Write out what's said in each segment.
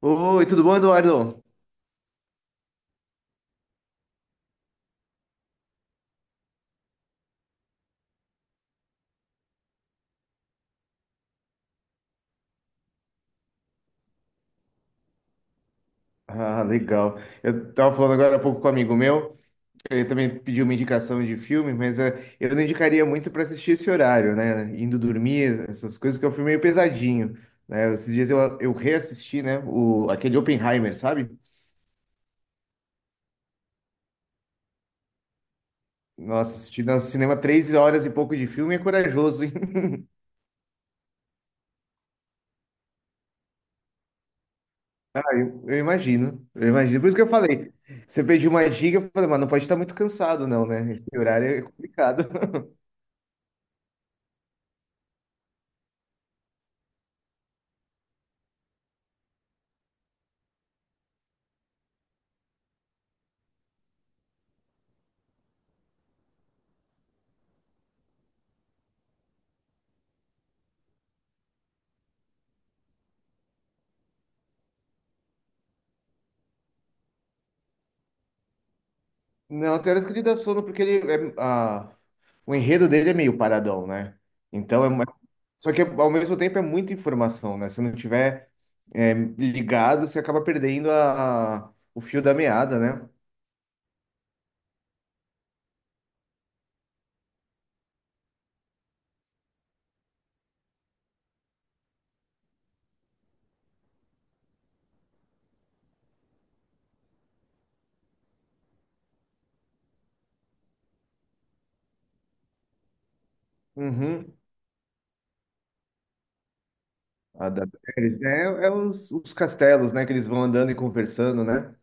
Oi, tudo bom, Eduardo? Ah, legal. Eu tava falando agora há pouco com um amigo meu, ele também pediu uma indicação de filme, mas eu não indicaria muito para assistir esse horário, né? Indo dormir, essas coisas, que é um filme meio pesadinho, né? Esses dias eu reassisti, né? O, aquele Oppenheimer, sabe? Nossa, assisti no cinema três horas e pouco de filme é corajoso, hein? Eu imagino, eu imagino. Por isso que eu falei, você pediu uma dica, eu falei, mas não pode estar muito cansado, não, né? Esse horário é complicado. Não, tem horas que ele dá sono porque ele é, o enredo dele é meio paradão, né? Então é uma- Só que ao mesmo tempo é muita informação, né? Se não tiver é, ligado, você acaba perdendo a, o fio da meada, né? Uhum. A da Daenerys, né? É, é os castelos, né? Que eles vão andando e conversando, né?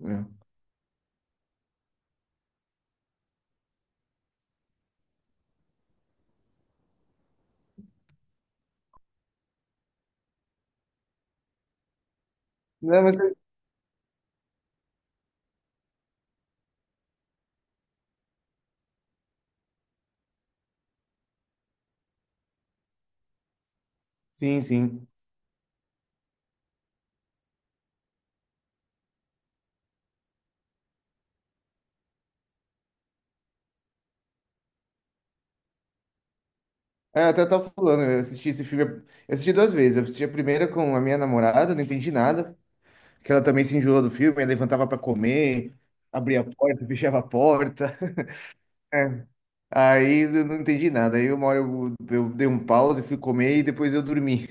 É. Não, mas é, sim, sim. É, eu até tava falando, eu assisti esse filme, eu assisti duas vezes. Eu assisti a primeira com a minha namorada, não entendi nada. Que ela também se enjoou do filme, ela levantava para comer, abria a porta, fechava a porta. É. Aí eu não entendi nada. Aí uma hora eu dei um pause, fui comer e depois eu dormi.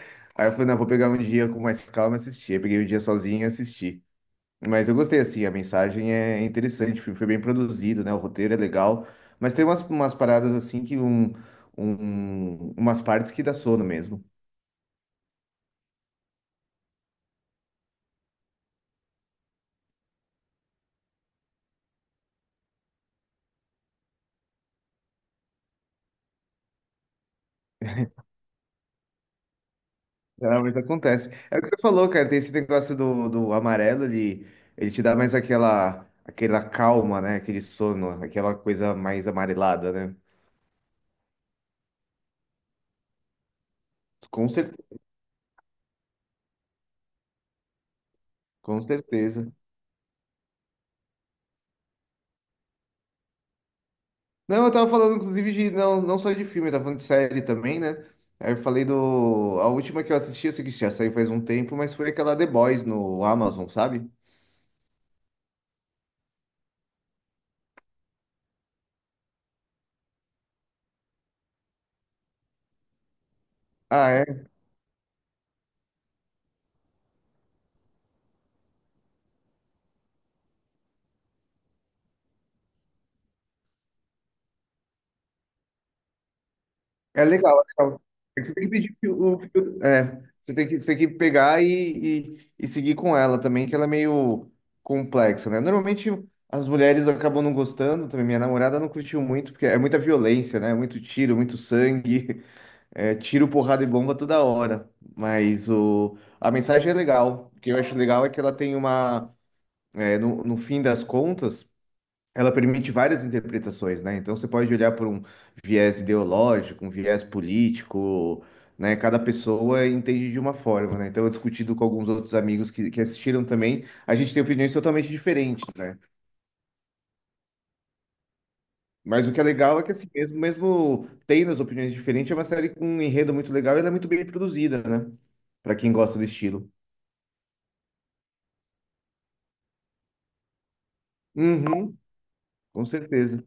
Aí eu falei, não, vou pegar um dia com mais calma e assistir. Aí peguei o dia sozinho e assisti. Mas eu gostei, assim, a mensagem é interessante, o filme foi bem produzido, né? O roteiro é legal. Mas tem umas paradas assim que umas partes que dá sono mesmo. Não, mas acontece. É o que você falou, cara. Tem esse negócio do, do amarelo, ele te dá mais aquela, aquela calma, né? Aquele sono, aquela coisa mais amarelada, né? Com certeza, com certeza. Não, eu tava falando, inclusive, de não, não só de filme, eu tava falando de série também, né? Aí eu falei do. A última que eu assisti, eu sei que já saiu faz um tempo, mas foi aquela The Boys no Amazon, sabe? Ah, é legal, é legal. É que você tem que pedir o filtro. É, você tem que pegar e seguir com ela também, que ela é meio complexa, né? Normalmente as mulheres acabam não gostando também. Minha namorada não curtiu muito, porque é muita violência, né? Muito tiro, muito sangue, é, tiro, porrada e bomba toda hora. Mas o, a mensagem é legal. O que eu acho legal é que ela tem uma. É, no, no fim das contas ela permite várias interpretações, né? Então você pode olhar por um viés ideológico, um viés político, né? Cada pessoa entende de uma forma, né? Então, eu discutido com alguns outros amigos que assistiram também, a gente tem opiniões totalmente diferentes, né? Mas o que é legal é que assim mesmo, mesmo tendo as opiniões diferentes, é uma série com um enredo muito legal e ela é muito bem produzida, né? Para quem gosta do estilo. Uhum, com certeza.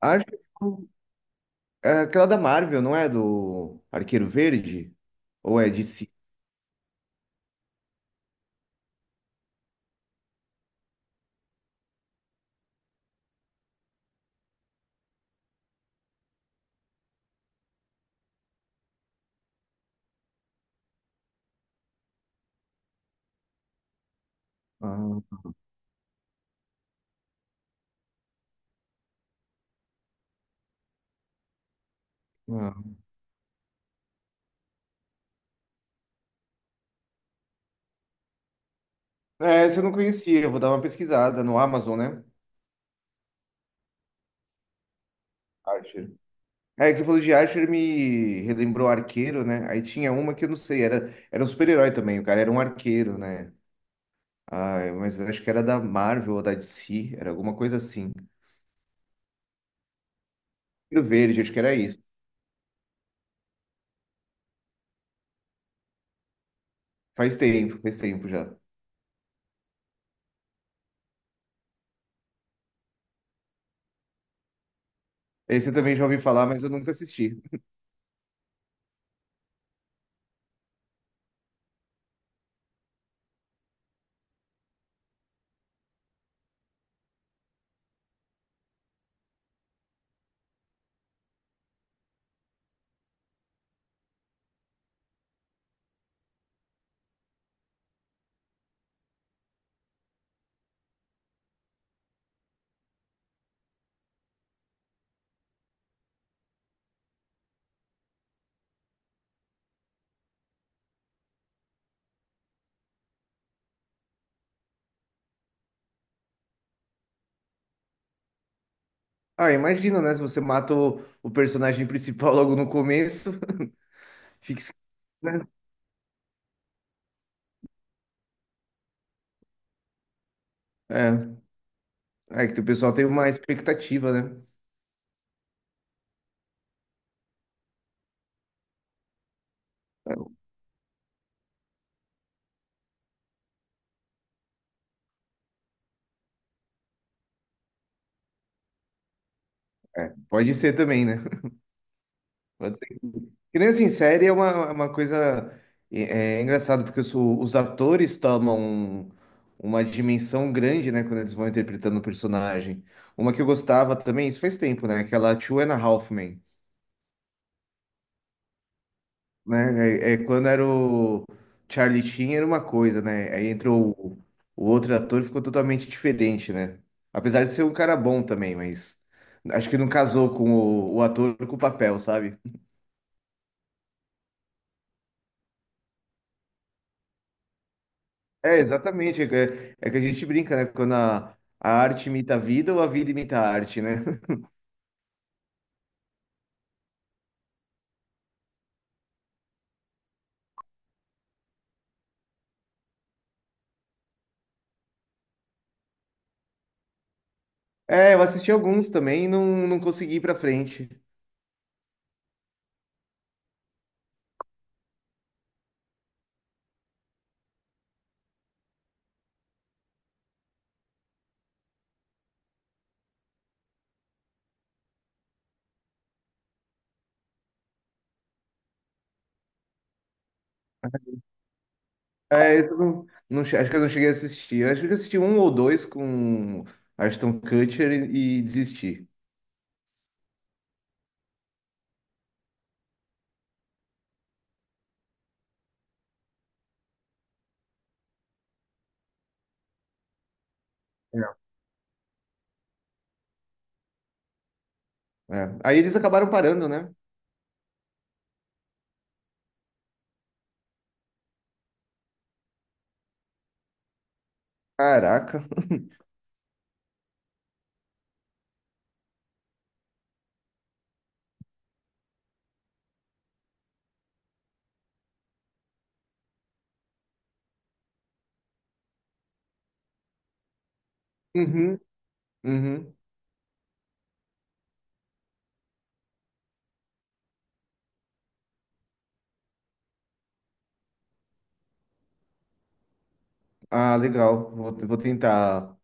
Acho que é aquela da Marvel, não é? Do Arqueiro Verde? Ou é de si? É, essa eu não conhecia, eu vou dar uma pesquisada no Amazon, né? Archer. É, que você falou de Archer me relembrou Arqueiro, né? Aí tinha uma que eu não sei, era um super-herói também, o cara era um arqueiro, né? Ah, mas acho que era da Marvel ou da DC, era alguma coisa assim. Arqueiro Verde, acho que era isso. Faz tempo já. Esse eu também já ouvi falar, mas eu nunca assisti. Ah, imagina, né? Se você mata o personagem principal logo no começo, fica esquisito, né? É, é que o pessoal tem uma expectativa, né? É, pode ser também, né? Pode ser. Que nem assim, série é uma coisa é, é engraçado porque os atores tomam uma dimensão grande, né, quando eles vão interpretando o personagem. Uma que eu gostava também, isso faz tempo, né? Aquela Two and a Half Men, né? É, é quando era o Charlie Sheen era uma coisa, né? Aí entrou o outro ator e ficou totalmente diferente, né? Apesar de ser um cara bom também, mas acho que não casou com o ator com o papel, sabe? É, exatamente. É, é que a gente brinca, né? Quando a arte imita a vida ou a vida imita a arte, né? É, eu assisti alguns também e não, não consegui ir pra frente. É, eu não, acho que eu não cheguei a assistir. Eu acho que eu assisti um ou dois com Ashton Kutcher e desisti. É. É. Aí eles acabaram parando, né? Caraca. Uhum, uhum. Ah, legal. Vou, vou tentar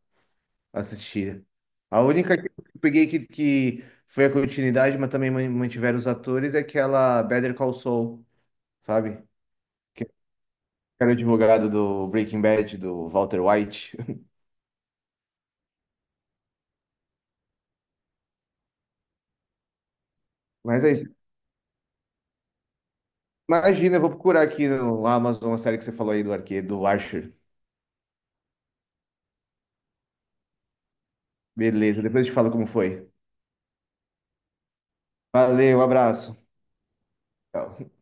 assistir. A única que eu peguei que foi a continuidade, mas também mantiveram os atores, é aquela Better Call Saul, sabe? Que era o advogado do Breaking Bad, do Walter White. Mas é isso. Imagina, eu vou procurar aqui no Amazon a série que você falou aí do arqueiro, do Archer. Beleza, depois eu te falo como foi. Valeu, um abraço. Tchau.